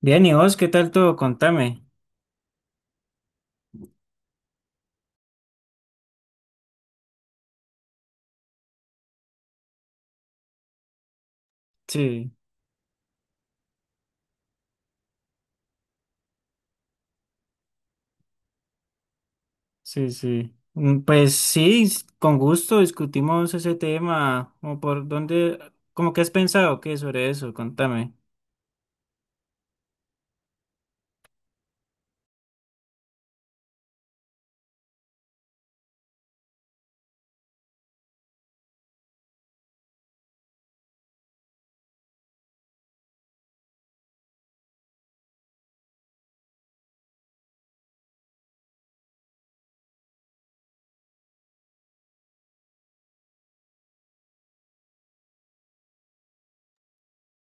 Bien, ¿y vos qué tal todo? Contame. Sí, sí, sí. Mm, pues sí, con gusto discutimos ese tema. ¿Cómo que has pensado qué sobre eso? Contame.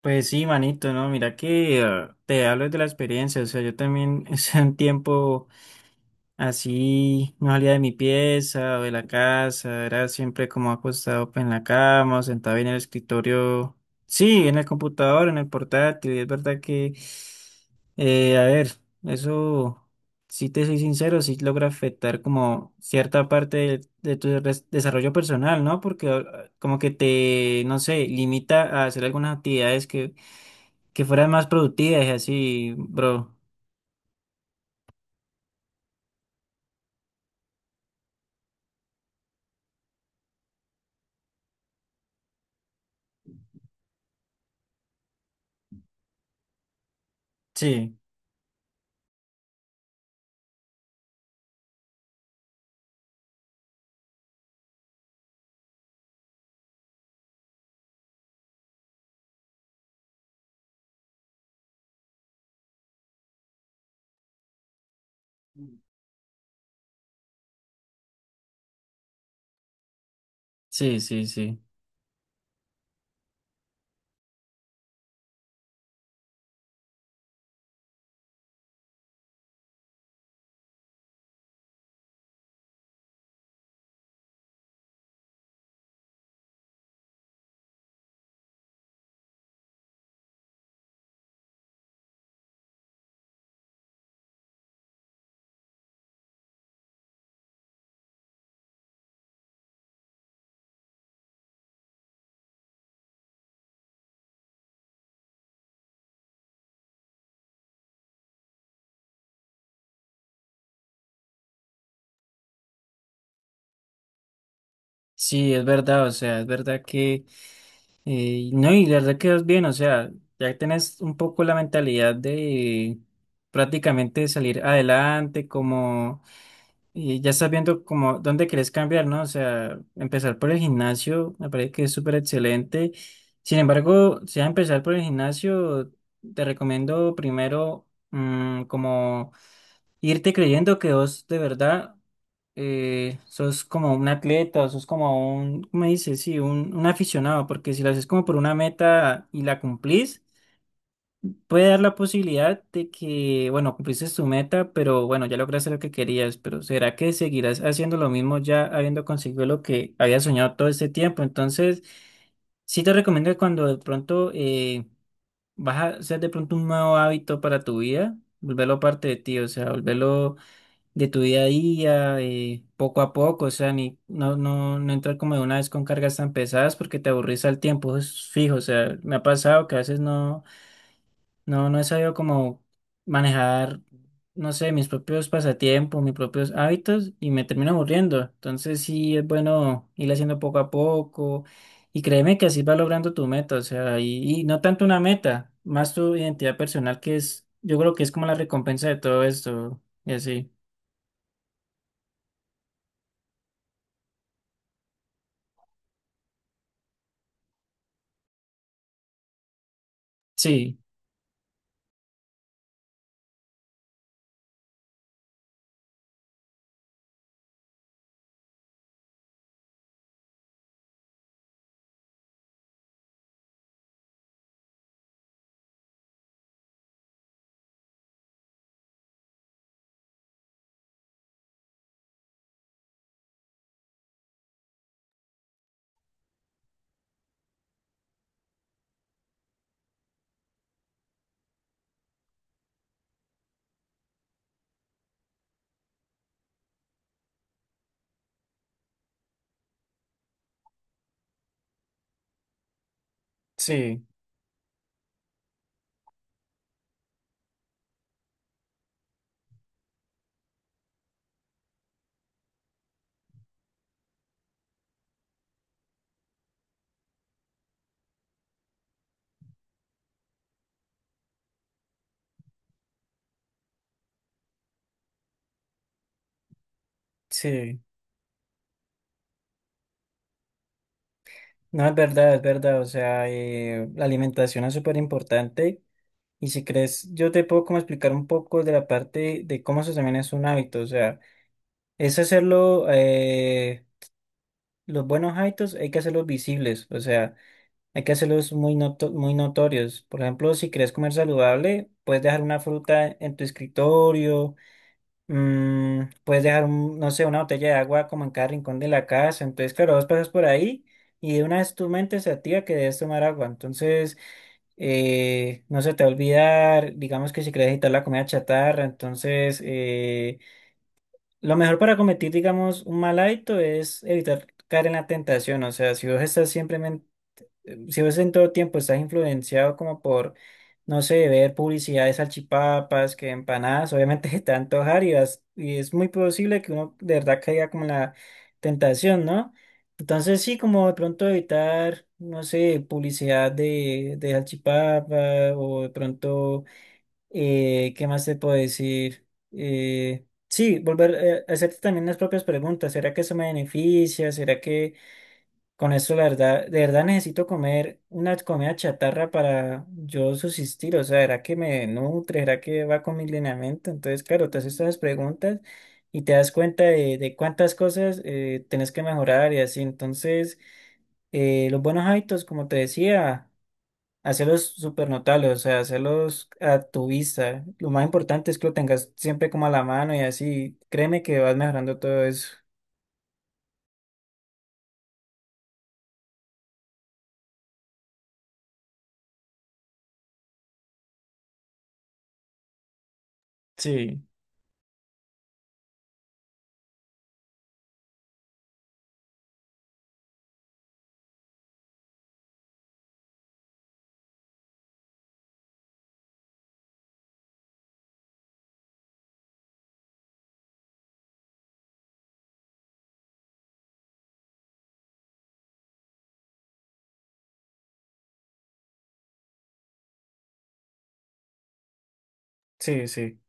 Pues sí, manito, ¿no? Mira que te hablo de la experiencia. O sea, yo también hace un tiempo. Así no salía de mi pieza o de la casa, era siempre como acostado pues, en la cama o sentado en el escritorio. Sí, en el computador, en el portátil. Es verdad que, a ver, eso, si te soy sincero, sí logra afectar como cierta parte de tu desarrollo personal, ¿no? Porque como que te, no sé, limita a hacer algunas actividades que fueran más productivas y así, bro. Sí, sí, sí, sí. Sí, es verdad, o sea, es verdad que, no, y la verdad que es bien, o sea, ya tenés un poco la mentalidad de prácticamente salir adelante, como, y ya estás viendo como dónde querés cambiar, ¿no? O sea, empezar por el gimnasio, me parece que es súper excelente. Sin embargo, si vas a empezar por el gimnasio, te recomiendo primero, mm, como irte creyendo que vos de verdad sos como un atleta, sos como ¿cómo me dices? Sí, un aficionado, porque si lo haces como por una meta y la cumplís, puede dar la posibilidad de que, bueno, cumpliste tu meta, pero bueno, ya lograste lo que querías, pero ¿será que seguirás haciendo lo mismo ya habiendo conseguido lo que habías soñado todo este tiempo? Entonces, sí te recomiendo que cuando de pronto vas a hacer de pronto un nuevo hábito para tu vida, volverlo parte de ti, o sea, volverlo de tu día a día, poco a poco, o sea, ni, no, no, no entrar como de una vez con cargas tan pesadas porque te aburrís al tiempo, eso es fijo, o sea, me ha pasado que a veces no, no, no he sabido como manejar, no sé, mis propios pasatiempos, mis propios hábitos y me termino aburriendo, entonces sí es bueno ir haciendo poco a poco y créeme que así vas logrando tu meta, o sea, y no tanto una meta, más tu identidad personal que es, yo creo que es como la recompensa de todo esto y así. Sí. Sí, sí, no es verdad, es verdad, o sea, la alimentación es súper importante y si crees, yo te puedo como explicar un poco de la parte de cómo eso también es un hábito, o sea, es hacerlo, los buenos hábitos hay que hacerlos visibles, o sea, hay que hacerlos muy, muy notorios, por ejemplo, si quieres comer saludable, puedes dejar una fruta en tu escritorio. Mm, puedes dejar, un, no sé, una botella de agua como en cada rincón de la casa. Entonces, claro, vos pasas por ahí y de una vez tu mente se activa que debes tomar agua. Entonces, no se te va a olvidar, digamos que si quieres evitar la comida chatarra, entonces, lo mejor para cometer, digamos, un mal hábito es evitar caer en la tentación. O sea, si vos estás siempre si vos en todo tiempo estás influenciado como por, no sé, ver publicidad de salchipapas, que empanadas, obviamente se te va a antojar y es muy posible que uno de verdad caiga como en la tentación, ¿no? Entonces sí, como de pronto evitar, no sé, publicidad de salchipapa o de pronto, ¿qué más te puedo decir? Sí, volver a hacerte también las propias preguntas. ¿Será que eso me beneficia? ¿Será que... con eso, la verdad, de verdad necesito comer una comida chatarra para yo subsistir? O sea, ¿será que me nutre? ¿Será que va con mi lineamiento? Entonces, claro, te haces estas preguntas y te das cuenta de cuántas cosas tenés que mejorar y así. Entonces, los buenos hábitos, como te decía, hacerlos súper notables, o sea, hacerlos a tu vista. Lo más importante es que lo tengas siempre como a la mano y así. Créeme que vas mejorando todo eso. Sí, sí, sí.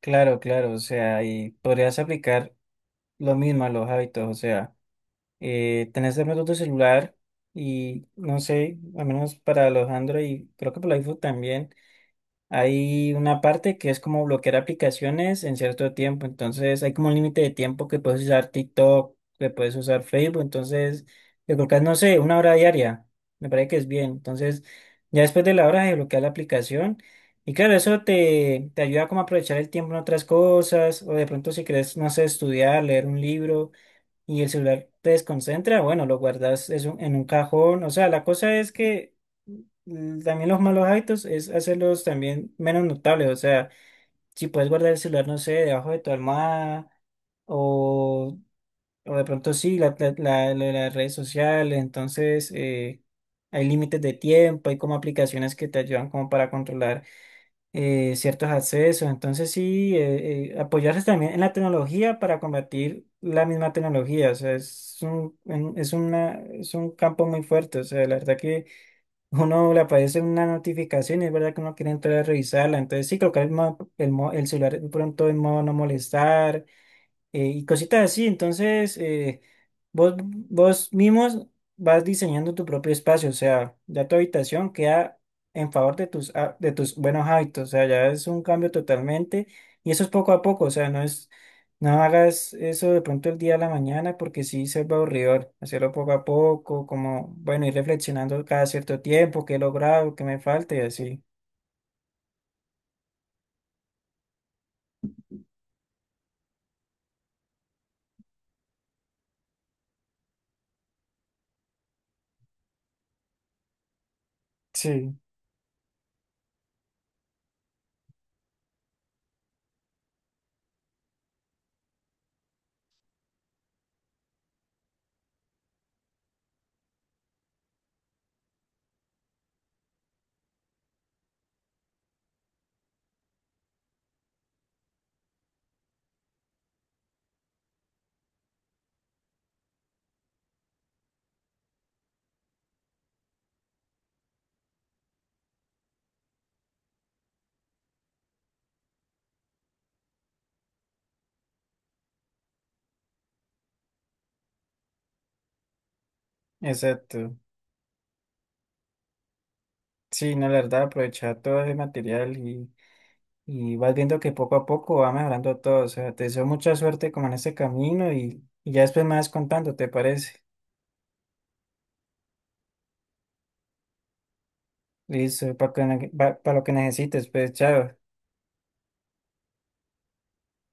Claro, claro, o sea, y podrías aplicar lo mismo a los hábitos, o sea, tenés de pronto tu celular y no sé, al menos para los Android, creo que para el iPhone también. Hay una parte que es como bloquear aplicaciones en cierto tiempo, entonces hay como un límite de tiempo que puedes usar TikTok, que puedes usar Facebook, entonces le colocas, no sé, una hora diaria, me parece que es bien, entonces ya después de la hora de bloquear la aplicación y claro, eso te, te ayuda como a aprovechar el tiempo en otras cosas o de pronto si quieres, no sé, estudiar, leer un libro y el celular te desconcentra, bueno, lo guardas eso en un cajón. O sea, la cosa es que mm, también los malos hábitos es hacerlos también menos notables. O sea, si puedes guardar el celular, no sé, debajo de tu almohada o, o de pronto sí, lo de las redes sociales. Entonces, hay límites de tiempo, hay como aplicaciones que te ayudan como para controlar ciertos accesos. Entonces sí, apoyarse también en la tecnología para combatir la misma tecnología. O sea, es es una, es un campo muy fuerte. O sea, la verdad que uno le aparece una notificación y es verdad que uno quiere entrar a revisarla. Entonces sí, colocar el celular de pronto en modo no molestar y cositas así. Entonces, vos mismos vas diseñando tu propio espacio, o sea, ya tu habitación queda en favor de tus, de tus buenos hábitos, o sea, ya es un cambio totalmente y eso es poco a poco, o sea, no es, no hagas eso de pronto el día a la mañana porque sí se va aburridor, hacerlo poco a poco, como, bueno, ir reflexionando cada cierto tiempo, qué he logrado, qué me falta y así. Sí, exacto. Sí, no, la verdad, aprovechar todo ese material y vas viendo que poco a poco va mejorando todo. O sea, te deseo mucha suerte como en este camino y ya después me vas contando, ¿te parece? Listo, para lo que necesites, pues chao.